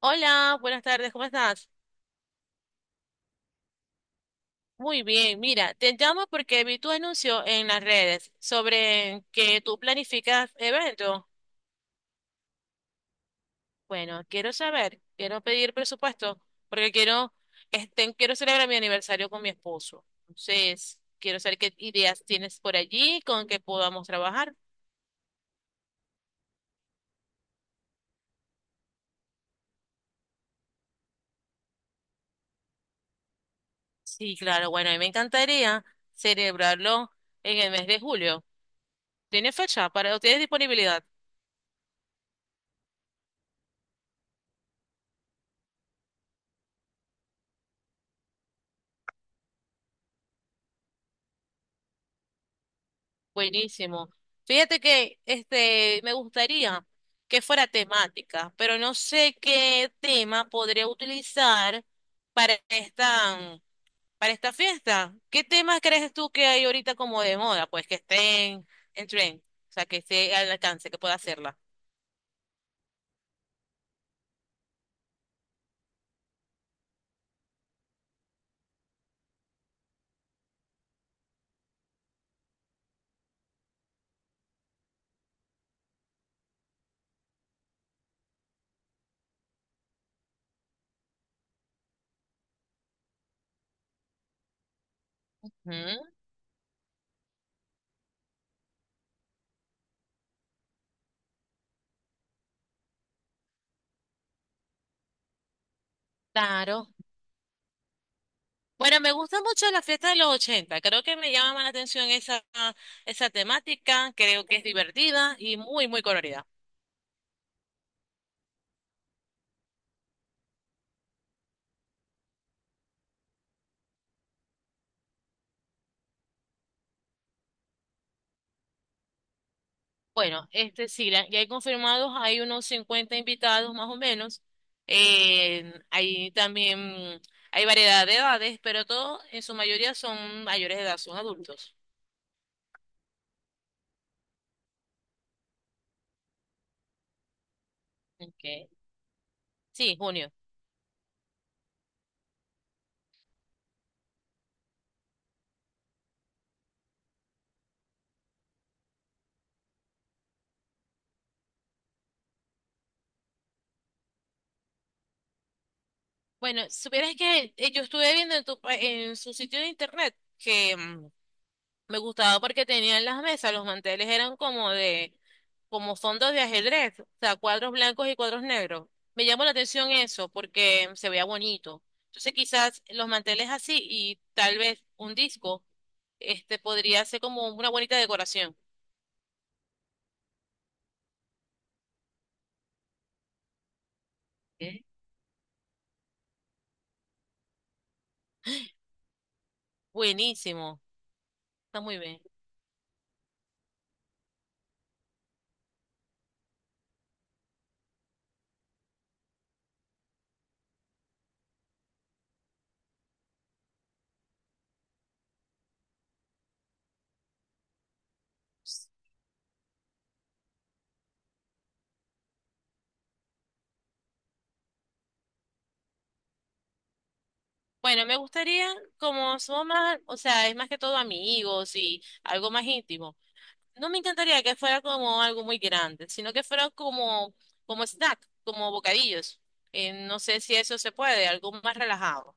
Hola, buenas tardes, ¿cómo estás? Muy bien, mira, te llamo porque vi tu anuncio en las redes sobre que tú planificas eventos. Bueno, quiero saber, quiero pedir presupuesto porque quiero, quiero celebrar mi aniversario con mi esposo. Entonces, quiero saber qué ideas tienes por allí con que podamos trabajar. Sí, claro, bueno, a mí me encantaría celebrarlo en el mes de julio. ¿Tienes fecha para, o tienes disponibilidad? Buenísimo. Fíjate que este me gustaría que fuera temática, pero no sé qué tema podría utilizar para para esta fiesta. ¿Qué temas crees tú que hay ahorita como de moda? Pues que estén en tren, o sea, que esté al alcance, que pueda hacerla. Ujú. Claro. Bueno, me gusta mucho la fiesta de los ochenta. Creo que me llama más la atención esa, esa temática. Creo que es divertida y muy colorida. Bueno, este sí, ya hay confirmados, hay unos 50 invitados más o menos. Eh, hay también, hay variedad de edades, pero todos en su mayoría son mayores de edad, son adultos. Okay. Sí, junio. Bueno, supieras que yo estuve viendo tu en su sitio de internet que me gustaba porque tenían las mesas, los manteles eran como de, como fondos de ajedrez, o sea, cuadros blancos y cuadros negros. Me llamó la atención eso porque se veía bonito. Entonces quizás los manteles así y tal vez un disco, este podría ser como una bonita decoración. ¿Eh? Buenísimo, está muy bien. Bueno, me gustaría, como somos más, o sea, es más que todo amigos y algo más íntimo. No me encantaría que fuera como algo muy grande, sino que fuera como, como snack, como bocadillos. No sé si eso se puede, algo más relajado.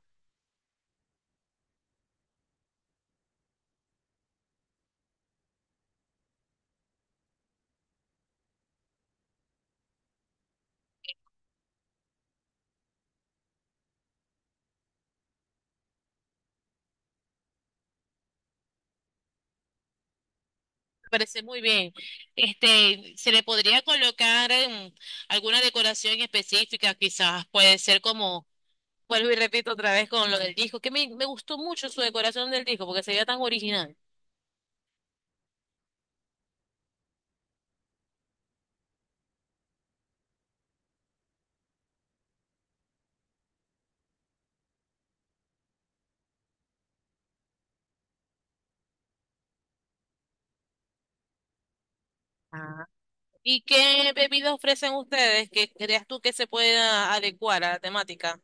Me parece muy bien. Este, se le podría colocar alguna decoración específica, quizás puede ser como, vuelvo y repito otra vez con lo del disco, que me gustó mucho su decoración del disco porque se veía tan original. ¿Y qué bebidas ofrecen ustedes que creas tú que se pueda adecuar a la temática?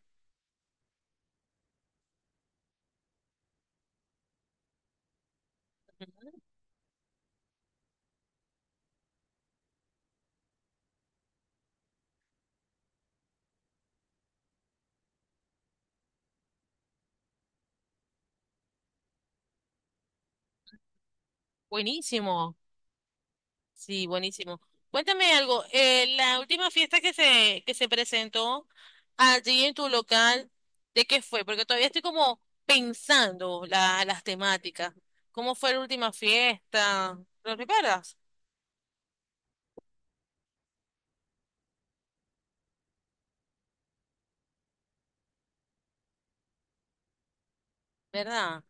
Buenísimo. Sí, buenísimo. Cuéntame algo, la última fiesta que se presentó allí en tu local, ¿de qué fue? Porque todavía estoy como pensando las temáticas. ¿Cómo fue la última fiesta? ¿Lo recuerdas? ¿Verdad?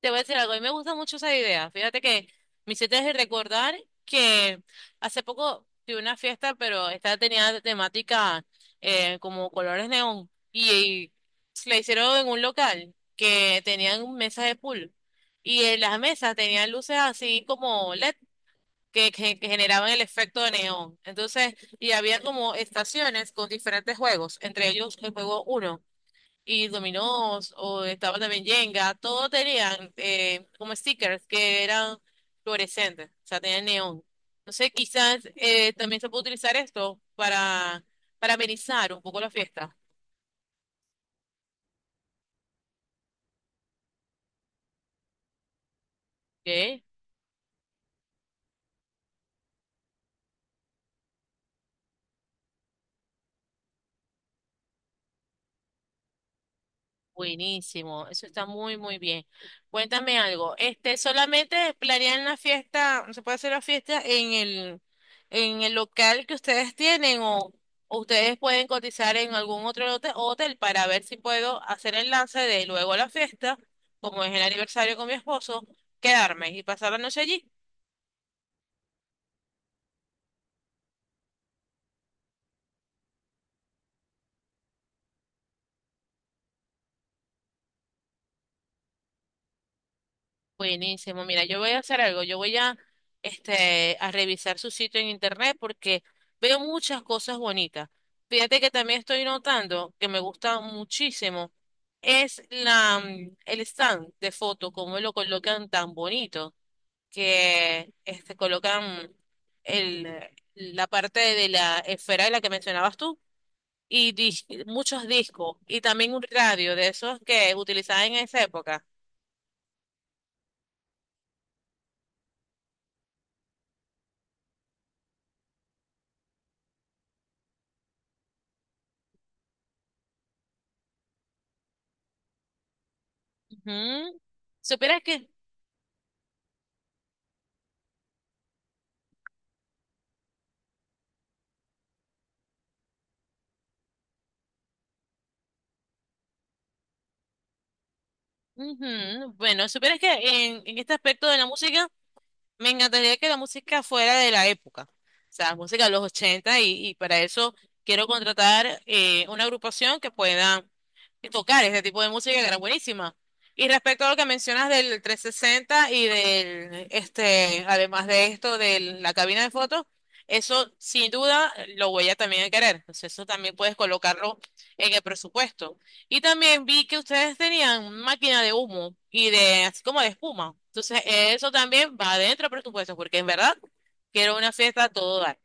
Te voy a decir algo, a mí me gusta mucho esa idea. Fíjate que me hiciste recordar que hace poco tuve una fiesta, pero esta tenía de temática como colores neón y la hicieron en un local que tenían mesas de pool y en las mesas tenían luces así como LED que generaban el efecto de neón. Entonces, y había como estaciones con diferentes juegos, entre ellos el juego uno y dominós, o estaba también Jenga, todos tenían como stickers que eran fluorescentes, o sea, tenían neón. Entonces, quizás también se puede utilizar esto para amenizar un poco la fiesta. ¿Ok? Buenísimo, eso está muy bien. Cuéntame algo. Este, solamente planean la fiesta, ¿se puede hacer la fiesta en el local que ustedes tienen o ustedes pueden cotizar en algún otro hotel para ver si puedo hacer el lance de luego la fiesta, como es el aniversario con mi esposo, quedarme y pasar la noche allí? Buenísimo. Mira, yo voy a hacer algo. Yo voy a revisar su sitio en internet porque veo muchas cosas bonitas. Fíjate que también estoy notando que me gusta muchísimo es el stand de foto, cómo lo colocan tan bonito, que este, colocan el, la parte de la esfera de la que mencionabas tú y muchos discos y también un radio de esos que utilizaban en esa época. Ujú. Supieras que, Bueno, supieras que en este aspecto de la música, me encantaría que la música fuera de la época, o sea, música de los 80 y para eso quiero contratar una agrupación que pueda tocar este tipo de música que era buenísima. Y respecto a lo que mencionas del 360 y del, este, además de esto, de la cabina de fotos, eso sin duda lo voy a también querer. Entonces eso también puedes colocarlo en el presupuesto. Y también vi que ustedes tenían máquina de humo y de así como de espuma. Entonces, eso también va dentro del presupuesto, porque en verdad quiero una fiesta a todo dar.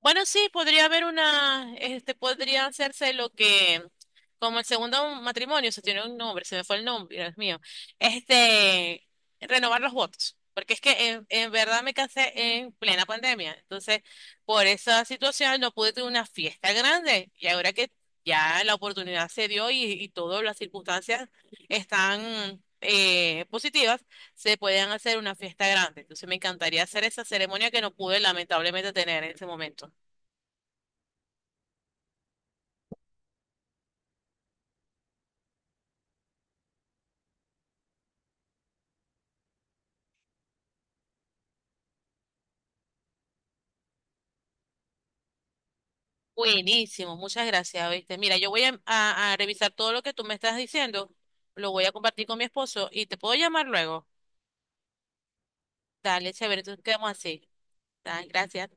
Bueno, sí, podría haber una, este, podría hacerse lo que, como el segundo matrimonio, se tiene un nombre, se me fue el nombre, Dios mío, este, renovar los votos, porque es que en verdad me casé en plena pandemia, entonces por esa situación no pude tener una fiesta grande y ahora que ya la oportunidad se dio y todas las circunstancias están positivas, se pueden hacer una fiesta grande, entonces me encantaría hacer esa ceremonia que no pude lamentablemente tener en ese momento. Buenísimo, muchas gracias, ¿viste? Mira, yo voy a revisar todo lo que tú me estás diciendo, lo voy a compartir con mi esposo y te puedo llamar luego. Dale, chévere, entonces quedamos así. Dale, gracias.